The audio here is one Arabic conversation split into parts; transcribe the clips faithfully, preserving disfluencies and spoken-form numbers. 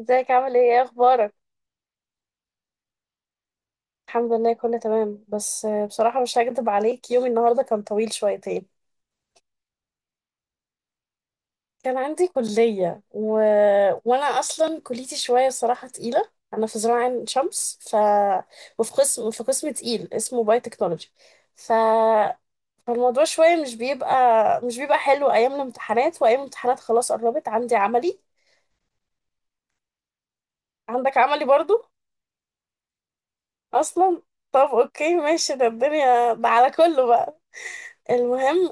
ازيك، عامل ايه؟ ايه اخبارك؟ الحمد لله كله تمام، بس آه، بصراحة مش هكدب عليك. يومي النهاردة كان طويل شويتين. كان عندي كلية و... وانا اصلا كليتي شوية صراحة تقيلة. انا في زراعة عين شمس. ف وفي قسم في قسم تقيل اسمه باي تكنولوجي. ف فالموضوع شوية مش بيبقى مش بيبقى حلو ايام الامتحانات، وايام الامتحانات خلاص قربت، عندي عملي. عندك عملي برضو؟ اصلا. طب اوكي ماشي، ده الدنيا، ده على كله بقى. المهم،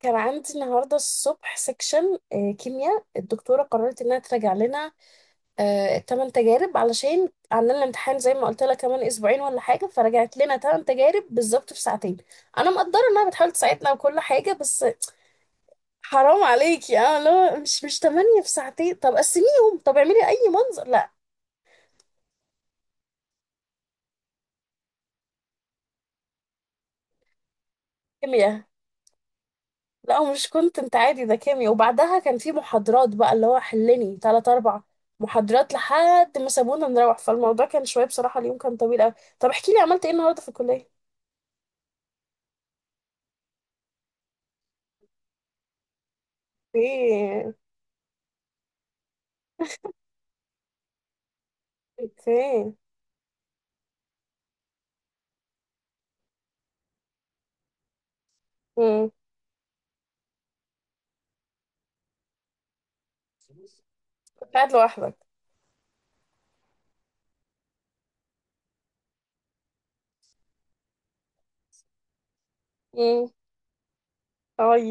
كان عندي النهارده الصبح سكشن آه، كيمياء. الدكتوره قررت انها تراجع لنا آه، تمن تجارب علشان عندنا الامتحان. زي ما قلت لها كمان اسبوعين ولا حاجه، فرجعت لنا تمن تجارب بالظبط في ساعتين. انا مقدره انها بتحاول تساعدنا وكل حاجه، بس حرام عليكي! اه لا، مش مش تمانية في ساعتين! طب قسميهم، طب اعملي اي منظر. لا. كيمياء. لا مش كنت انت عادي، ده كيمياء. وبعدها كان في محاضرات بقى اللي هو حلني تلات اربع محاضرات لحد ما سابونا نروح. فالموضوع كان شوية بصراحة، اليوم كان طويل قوي. طب احكي لي، عملت ايه النهاردة في الكلية؟ ايه؟ اوكي. امم كنت قاعد لوحدك؟ امم اي.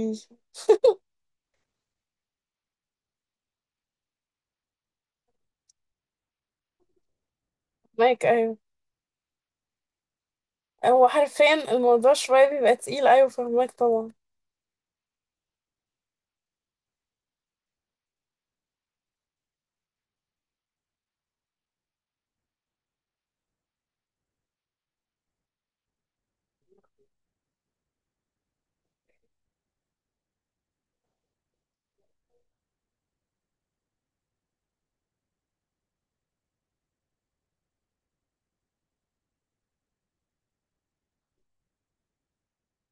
مايك، ايوه. هو حرفيا الموضوع شوية بيبقى تقيل، ايوه فهمك طبعا.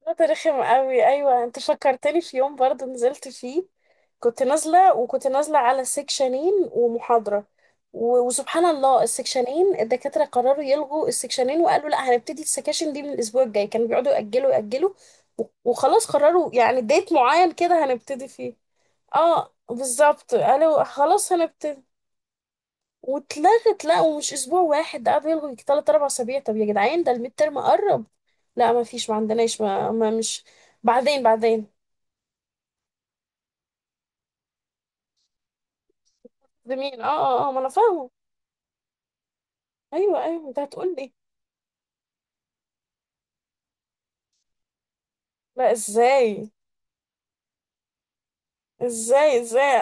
وقت رخم قوي، ايوه. انت فكرتني في يوم برضه نزلت فيه. كنت نازله وكنت نازله على سكشنين ومحاضره، و- وسبحان الله السكشنين الدكاتره قرروا يلغوا السكشنين، وقالوا لا هنبتدي السكاشن دي من الاسبوع الجاي. كانوا بيقعدوا ياجلوا ياجلوا، و- وخلاص قرروا يعني ديت معين كده هنبتدي فيه. اه بالظبط، قالوا خلاص هنبتدي واتلغت. لا، ومش اسبوع واحد ده، قعدوا يلغوا يجي تلات اربع اسابيع. طب يا جدعان، ده الميد ترم قرب! لا ما فيش، ما عندناش، ما, ما مش. بعدين بعدين. ده مين؟ اه اه اه، ما انا فاهمه. ايوه ايوه، انت هتقول لي. لا، ازاي ازاي ازاي؟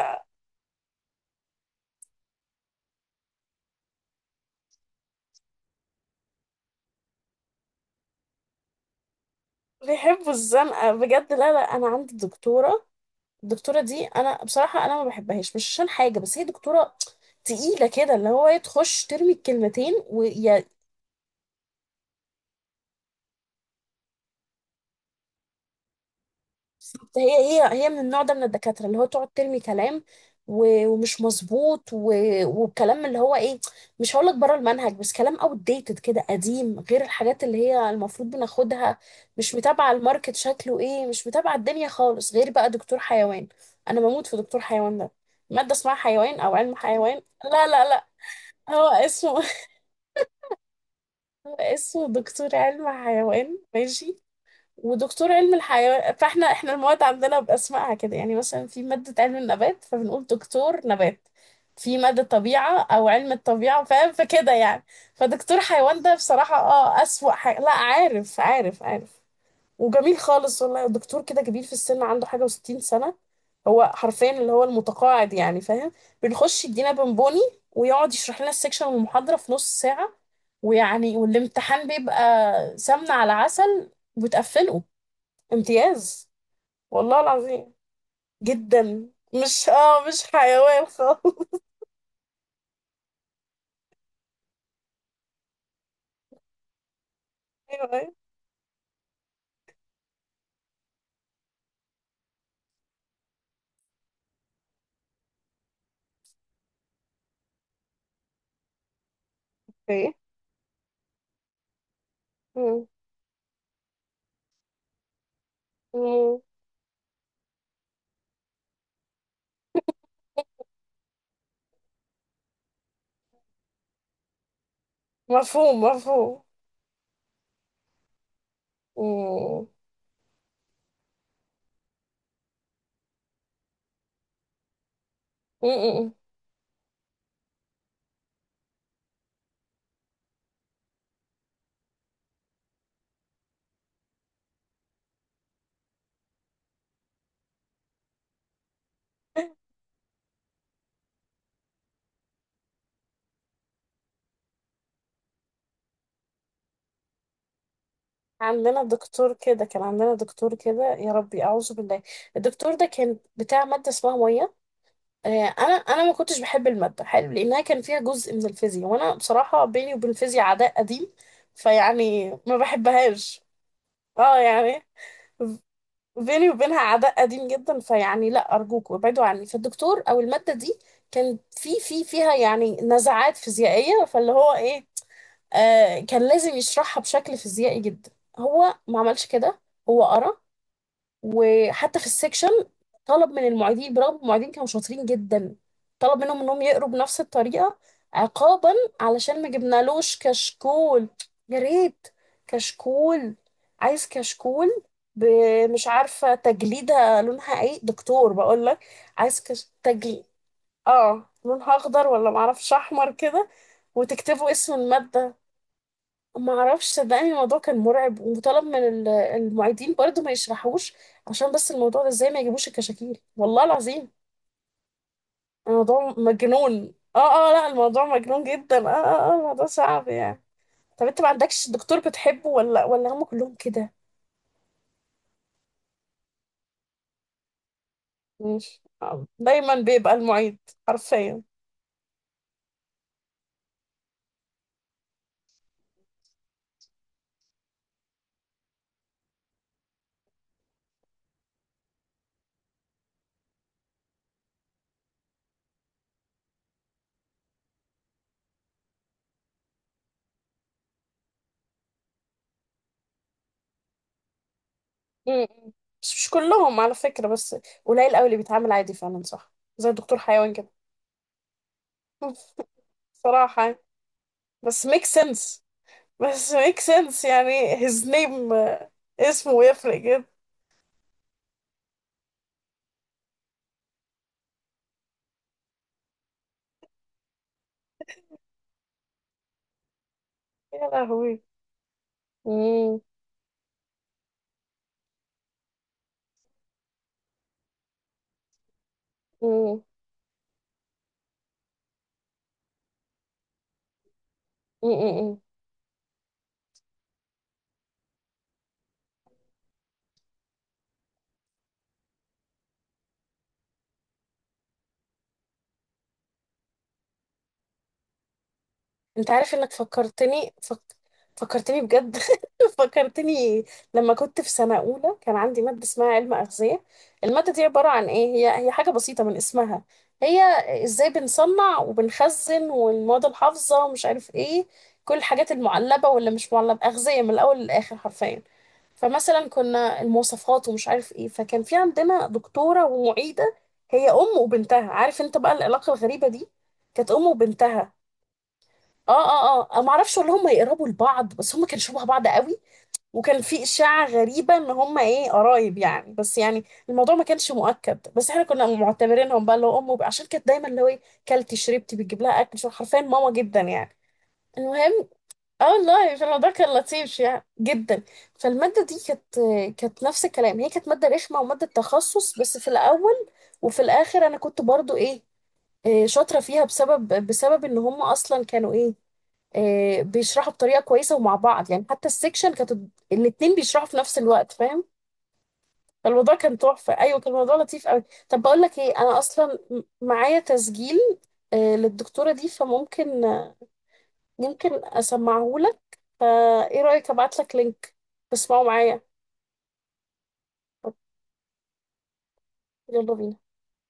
بيحبوا الزنقه بجد. لا لا، انا عندي دكتوره. الدكتوره دي انا بصراحه انا ما بحبهاش، مش عشان حاجه، بس هي دكتوره تقيله كده، اللي هو هي تخش ترمي الكلمتين ويا. هي هي هي من النوع ده من الدكاترة اللي هو تقعد ترمي كلام، و- ومش مظبوط، و- وكلام اللي هو ايه، مش هقولك بره المنهج، بس كلام outdated كده قديم، غير الحاجات اللي هي المفروض بناخدها. مش متابعة الماركت شكله ايه، مش متابعة الدنيا خالص. غير بقى دكتور حيوان، انا بموت في دكتور حيوان ده. مادة اسمها حيوان او علم حيوان، لا لا لا. هو اسمه هو اسمه دكتور علم حيوان، ماشي. ودكتور علم الحيوان، فاحنا احنا المواد عندنا باسمائها كده، يعني مثلا في ماده علم النبات فبنقول دكتور نبات، في ماده طبيعه او علم الطبيعه، فاهم، فكده يعني. فدكتور حيوان ده بصراحه اه اسوأ حاجه. لا عارف عارف عارف، وجميل خالص والله. دكتور كده كبير في السن، عنده حاجه وستين سنه. هو حرفيا اللي هو المتقاعد يعني، فاهم. بنخش يدينا بونبوني، ويقعد يشرح لنا السكشن والمحاضره في نص ساعه، ويعني والامتحان بيبقى سمنه على عسل وتقفله امتياز. والله العظيم. جدا. مش اه مش حيوان خالص ايوه ايوه ايه. مم. مم. مفهوم مفهوم. مم. مم. عندنا دكتور كده كان عندنا دكتور كده، يا ربي اعوذ بالله. الدكتور ده كان بتاع ماده اسمها ميه. آه، انا انا ما كنتش بحب الماده حلو، لانها كان فيها جزء من الفيزياء، وانا بصراحه بيني وبين الفيزياء عداء قديم. فيعني ما بحبهاش. اه يعني بيني وبينها عداء قديم جدا، فيعني لا أرجوك وابعدوا عني. فالدكتور أو المادة دي، كان في في فيها يعني نزعات فيزيائية، فاللي هو إيه آه كان لازم يشرحها بشكل فيزيائي جدا. هو ما عملش كده. هو قرا، وحتى في السكشن طلب من المعيدين، برغم المعيدين كانوا شاطرين جدا، طلب منهم انهم يقروا بنفس الطريقة، عقابا علشان ما جبنالوش كشكول. يا ريت! كشكول! عايز كشكول! ب- مش عارفة تجليدة لونها ايه. دكتور بقول لك، عايز كش... تجليد، اه لونها اخضر ولا معرفش احمر كده، وتكتبوا اسم المادة. ما اعرفش، صدقني الموضوع كان مرعب. وطلب من ال- المعيدين برضه ما يشرحوش، عشان بس الموضوع ده ازاي ما يجيبوش الكشاكيل، والله العظيم. الموضوع مجنون. اه اه، لا الموضوع مجنون جدا، اه اه اه الموضوع صعب يعني. طب انت ما عندكش دكتور بتحبه، ولا ولا هم كلهم كده؟ ماشي. آه، دايما بيبقى المعيد حرفيا. م- م. بس مش كلهم على فكرة، بس قليل قوي اللي بيتعامل عادي فعلا، صح، زي دكتور حيوان كده صراحة يعني. بس ميك سنس بس ميك سنس يعني his name، آه، اسمه يفرق جدا. يا لهوي. مم. مم. مم. مم. انت عارف انك فكرتني فك... فكرتني بجد فكرتني لما كنت في سنة أولى. كان عندي مادة اسمها علم أغذية. المادة دي عبارة عن ايه؟ هي هي حاجة بسيطة من اسمها. هي ازاي بنصنع وبنخزن، والمواد الحافظة ومش عارف ايه، كل الحاجات المعلبة واللي مش معلبة، أغذية من الأول للآخر حرفيا. فمثلا كنا المواصفات ومش عارف ايه، فكان في عندنا دكتورة ومعيدة، هي أم وبنتها، عارف انت بقى العلاقة الغريبة دي. كانت أم وبنتها. اه اه اه، أنا ما اعرفش ولا هم يقربوا لبعض، بس هم كانوا شبه بعض قوي، وكان في اشاعه غريبه ان هم ايه قرايب يعني، بس يعني الموضوع ما كانش مؤكد، بس احنا كنا معتبرينهم بقى اللي هو امه، عشان كانت دايما اللي هو إيه، كلتي شربتي بتجيب لها اكل، شو حرفيا ماما جدا يعني. المهم، اه والله الموضوع كان لطيف يعني جدا. فالماده دي كانت، كانت نفس الكلام. هي كانت ماده رخمه وماده تخصص بس في الاول، وفي الاخر انا كنت برضو ايه، إيه، شاطره فيها، بسبب بسبب ان هم اصلا كانوا ايه آه، بيشرحوا بطريقه كويسه ومع بعض يعني. حتى السكشن كانت الاتنين بيشرحوا في نفس الوقت، فاهم. فالموضوع كان تحفه، ايوه كان الموضوع لطيف قوي. طب بقول لك ايه، انا اصلا م- معايا تسجيل آه، للدكتوره دي، فممكن آه، يمكن اسمعهولك. فايه رايك، ابعت لك لينك تسمعه معايا؟ يلا بينا.